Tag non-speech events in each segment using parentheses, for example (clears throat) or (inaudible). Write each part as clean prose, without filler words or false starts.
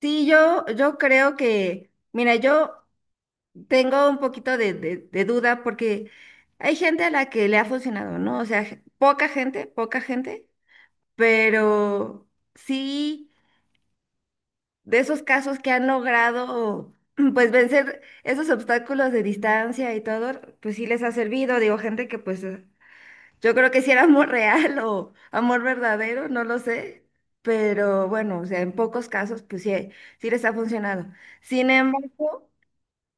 Sí, yo creo que, mira, yo tengo un poquito de, de duda porque hay gente a la que le ha funcionado, ¿no? O sea, poca gente, pero sí de esos casos que han logrado, (clears throat) pues, vencer esos obstáculos de distancia y todo, pues sí les ha servido. Digo, gente que pues yo creo que si era amor real o amor verdadero, no lo sé, pero bueno, o sea, en pocos casos, pues sí, sí les ha funcionado. Sin embargo,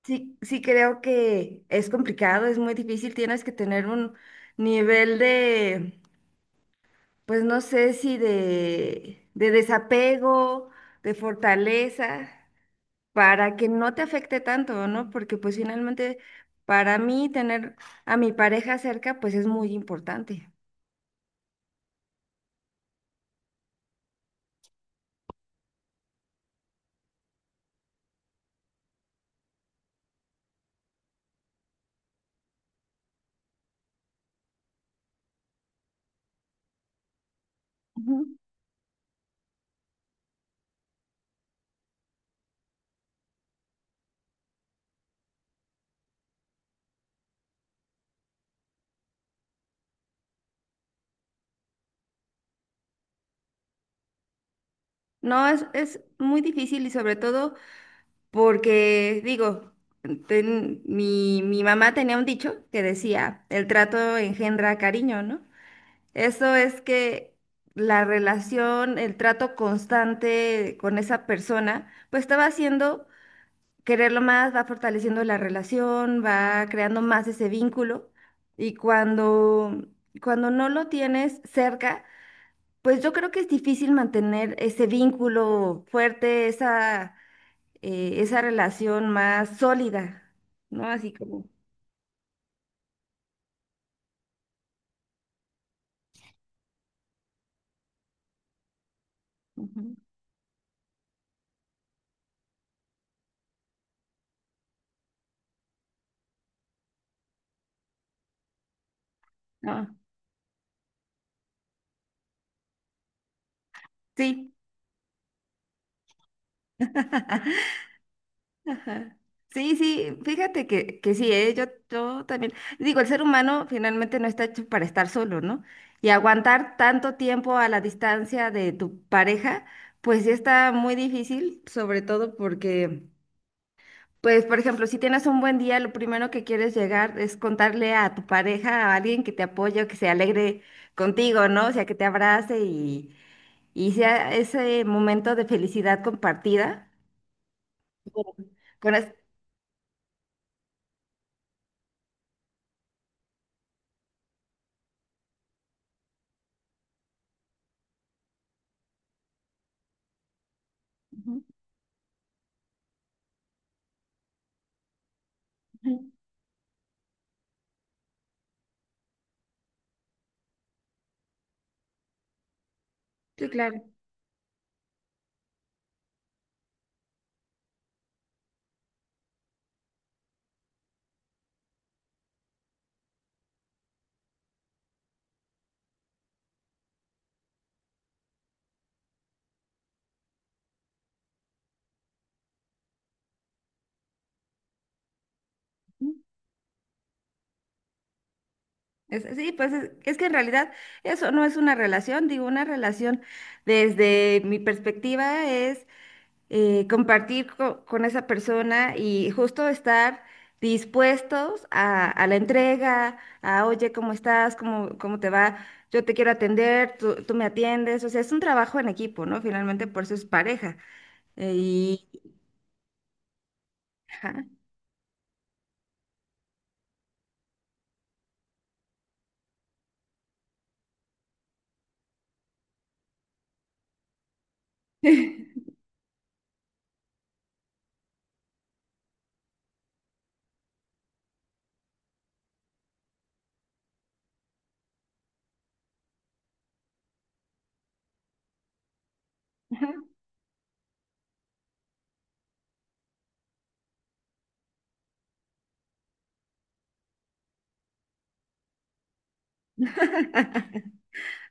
sí, sí creo que es complicado, es muy difícil, tienes que tener un nivel de, pues no sé si de, de desapego, de fortaleza, para que no te afecte tanto, ¿no? Porque pues finalmente, para mí, tener a mi pareja cerca, pues es muy importante. Ujú. No, es muy difícil y sobre todo porque, digo, mi mamá tenía un dicho que decía, el trato engendra cariño, ¿no? Eso es que la relación, el trato constante con esa persona, pues te va haciendo quererlo más, va fortaleciendo la relación, va creando más ese vínculo y cuando, cuando no lo tienes cerca, pues yo creo que es difícil mantener ese vínculo fuerte, esa, esa relación más sólida, ¿no? Así como... ujú, ah, sí. (laughs) Sí, sí, fíjate que sí, ¿eh? Yo también. Digo, el ser humano finalmente no está hecho para estar solo, ¿no? Y aguantar tanto tiempo a la distancia de tu pareja, pues sí está muy difícil, sobre todo porque... Pues, por ejemplo, si tienes un buen día, lo primero que quieres llegar es contarle a tu pareja, a alguien que te apoye o que se alegre contigo, ¿no? O sea, que te abrace y sea ese momento de felicidad compartida. Ujú. Con es- Ujú, ujú. Sí, claro. Ujú. Sí, pues es que en realidad eso no es una relación, digo, una relación desde mi perspectiva es compartir con esa persona y justo estar dispuestos a la entrega, a, oye, ¿cómo estás? ¿Cómo te va? Yo te quiero atender, tú me atiendes. O sea, es un trabajo en equipo, ¿no? Finalmente, por eso es pareja. Y... Ajá. (laughs)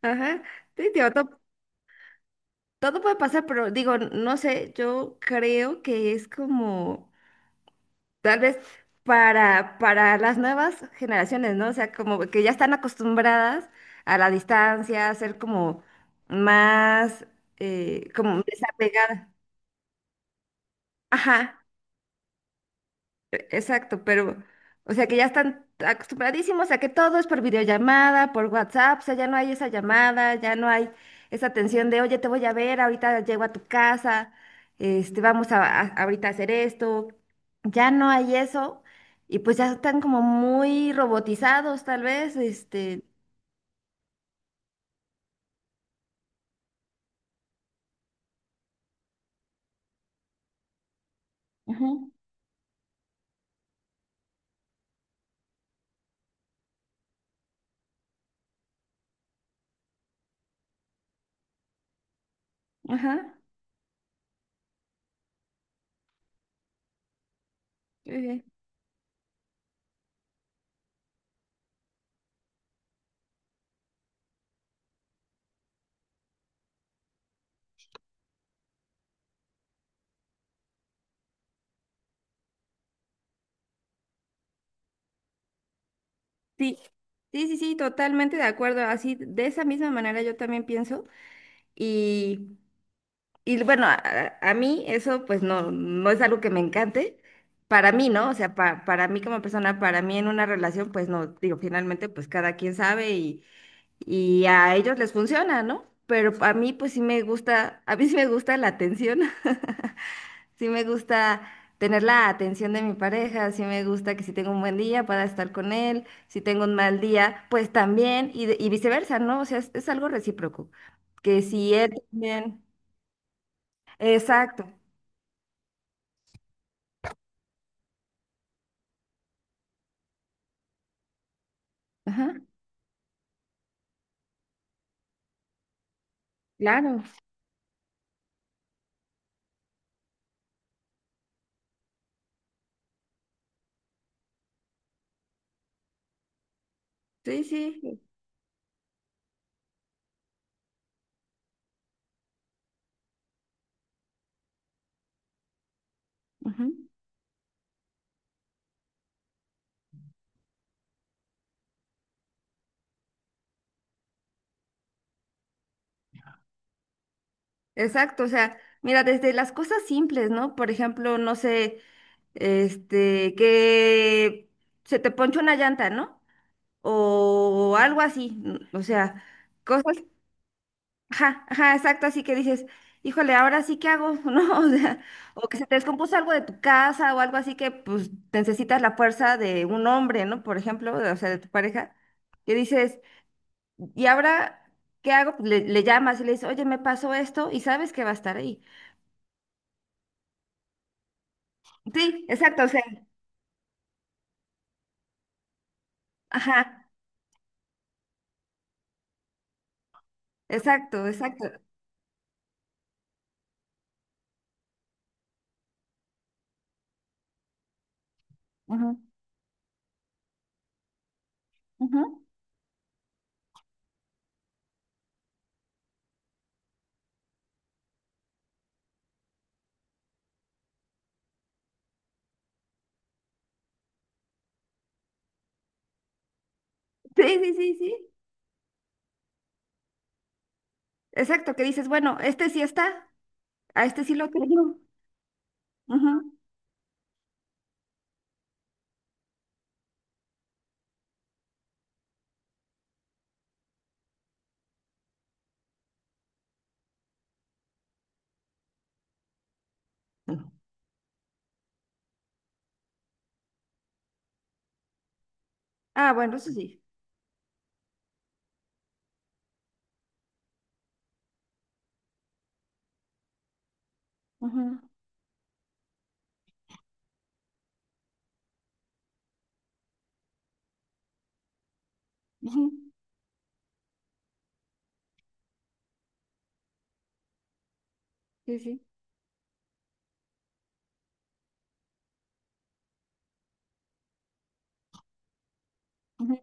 Ajá. Sí, digo, todo puede pasar, pero digo, no sé, yo creo que es como... Tal vez para las nuevas generaciones, ¿no? O sea, como que ya están acostumbradas a la distancia, a ser como más, como desapegada. Ajá, exacto, pero, o sea, que ya están acostumbradísimos a que todo es por videollamada, por WhatsApp, o sea, ya no hay esa llamada, ya no hay esa tensión de, oye, te voy a ver, ahorita llego a tu casa, este, vamos a, ahorita a hacer esto, ya no hay eso, y pues ya están como muy robotizados, tal vez, este, ujú, ajá, muy bien. Sí, sí, sí, sí, totalmente de acuerdo, así, de esa misma manera yo también pienso, y... Y bueno, a mí eso pues no, no es algo que me encante. Para mí, ¿no? O sea, para mí como persona, para mí en una relación, pues no, digo, finalmente pues cada quien sabe y, a ellos les funciona, ¿no? Pero a mí pues sí me gusta, a mí sí me gusta la atención, (laughs) sí me gusta tener la atención de mi pareja, sí me gusta que si tengo un buen día pueda estar con él, si tengo un mal día, pues también, y, y viceversa, ¿no? O sea, es algo recíproco, que si él también... Exacto. Ajá. Claro, sí, sí, ujú, exacto. O sea, mira, desde las cosas simples, ¿no? Por ejemplo, no sé, este, que se te ponchó una llanta, ¿no? O algo así. O sea, cosas, ajá, ajá, exacto, así que dices, híjole, ahora sí que hago, (laughs) ¿no? O sea, o que se te descompuso algo de tu casa o algo así que pues necesitas la fuerza de un hombre, ¿no? Por ejemplo, o sea, de tu pareja, que dices. Y ahora, ¿qué hago? Pues le llamas y le dices, oye, me pasó esto y sabes que va a estar ahí. Sí, exacto, o sea, ajá, exacto, exacto. Ujú, ujú. Sí, sí, sí, sí. Exacto, que dices, bueno, este sí está, a este sí lo tengo. Ujú. Ah, bueno, eso sí. Ujú, ujú, sí, sí. Ujú.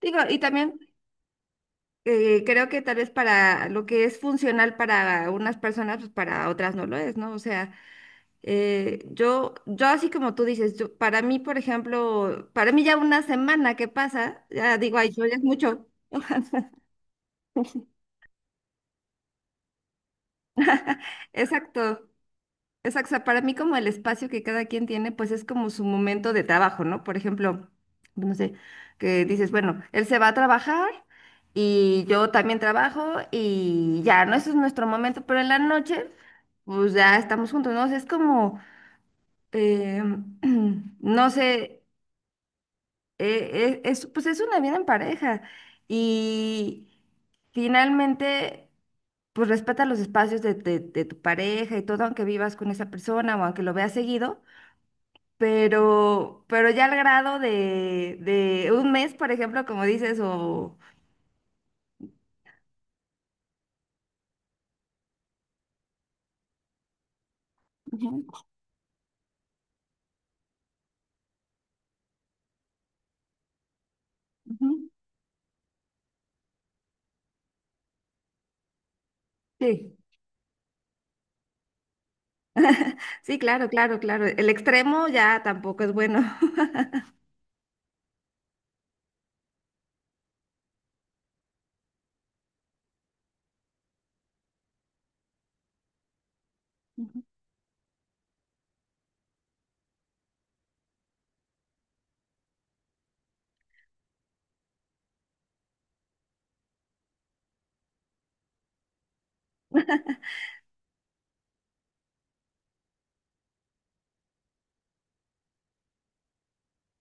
Digo, y también creo que tal vez para lo que es funcional para unas personas, pues para otras no lo es, ¿no? O sea, Yo así como tú dices, para mí, por ejemplo, para mí ya una semana que pasa, ya digo, ay, yo ya es mucho. (laughs) Exacto, exacto. O sea, para mí como el espacio que cada quien tiene, pues es como su momento de trabajo, ¿no? Por ejemplo, no sé, que dices, bueno, él se va a trabajar y yo también trabajo y ya, ¿no? Eso es nuestro momento, pero en la noche, pues ya estamos juntos, ¿no? O sea, es como, eh, (clears throat) no sé. Es, pues es una vida en pareja y finalmente, pues respeta los espacios de, de tu pareja y todo, aunque vivas con esa persona o aunque lo veas seguido, pero ya al grado de, un mes, por ejemplo, como dices, o... Ujú, ujú, sí, sí, claro, claro, claro. El extremo ya tampoco es bueno. (laughs) Ujú,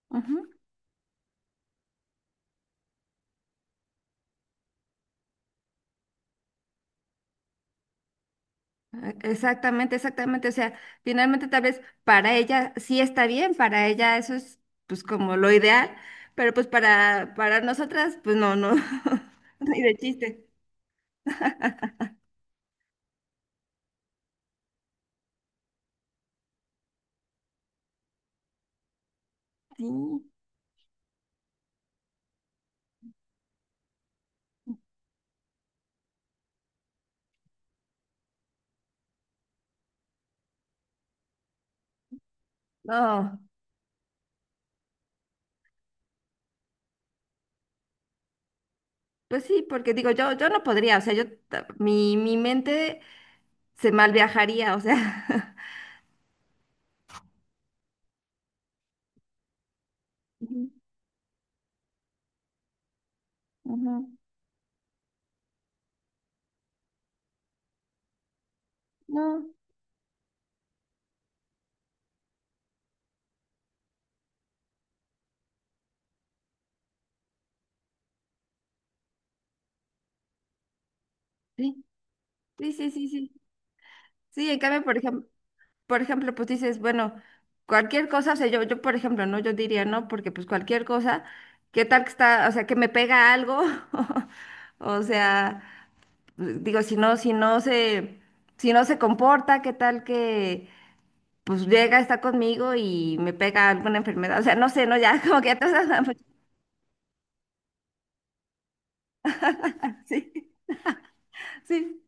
ujú. Exactamente, exactamente. O sea, finalmente tal vez para ella sí está bien, para ella eso es pues como lo ideal, pero pues para nosotras, pues no, no, (laughs) ni de chiste. Sí, no, pues sí, porque digo, yo no podría, o sea, yo, mi mente se mal viajaría, o sea. (laughs) Ujú, ujú. No, sí, sí, sí, sí, sí. Sí, en cambio, por ejemplo. Por ejemplo, pues dices, bueno, cualquier cosa, o sea, yo, por ejemplo, ¿no? Yo diría, no, porque pues cualquier cosa, ¿qué tal que está, o sea, que me pega algo? (laughs) O sea, pues, digo, si no se comporta, ¿qué tal que pues llega, está conmigo y me pega alguna enfermedad? O sea, no sé, no, ya, (laughs) como que ya te vas (laughs) Sí, sí,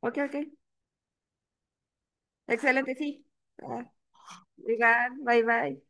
ok, ok. Excelente, sí. Ah, igual, bye, bye.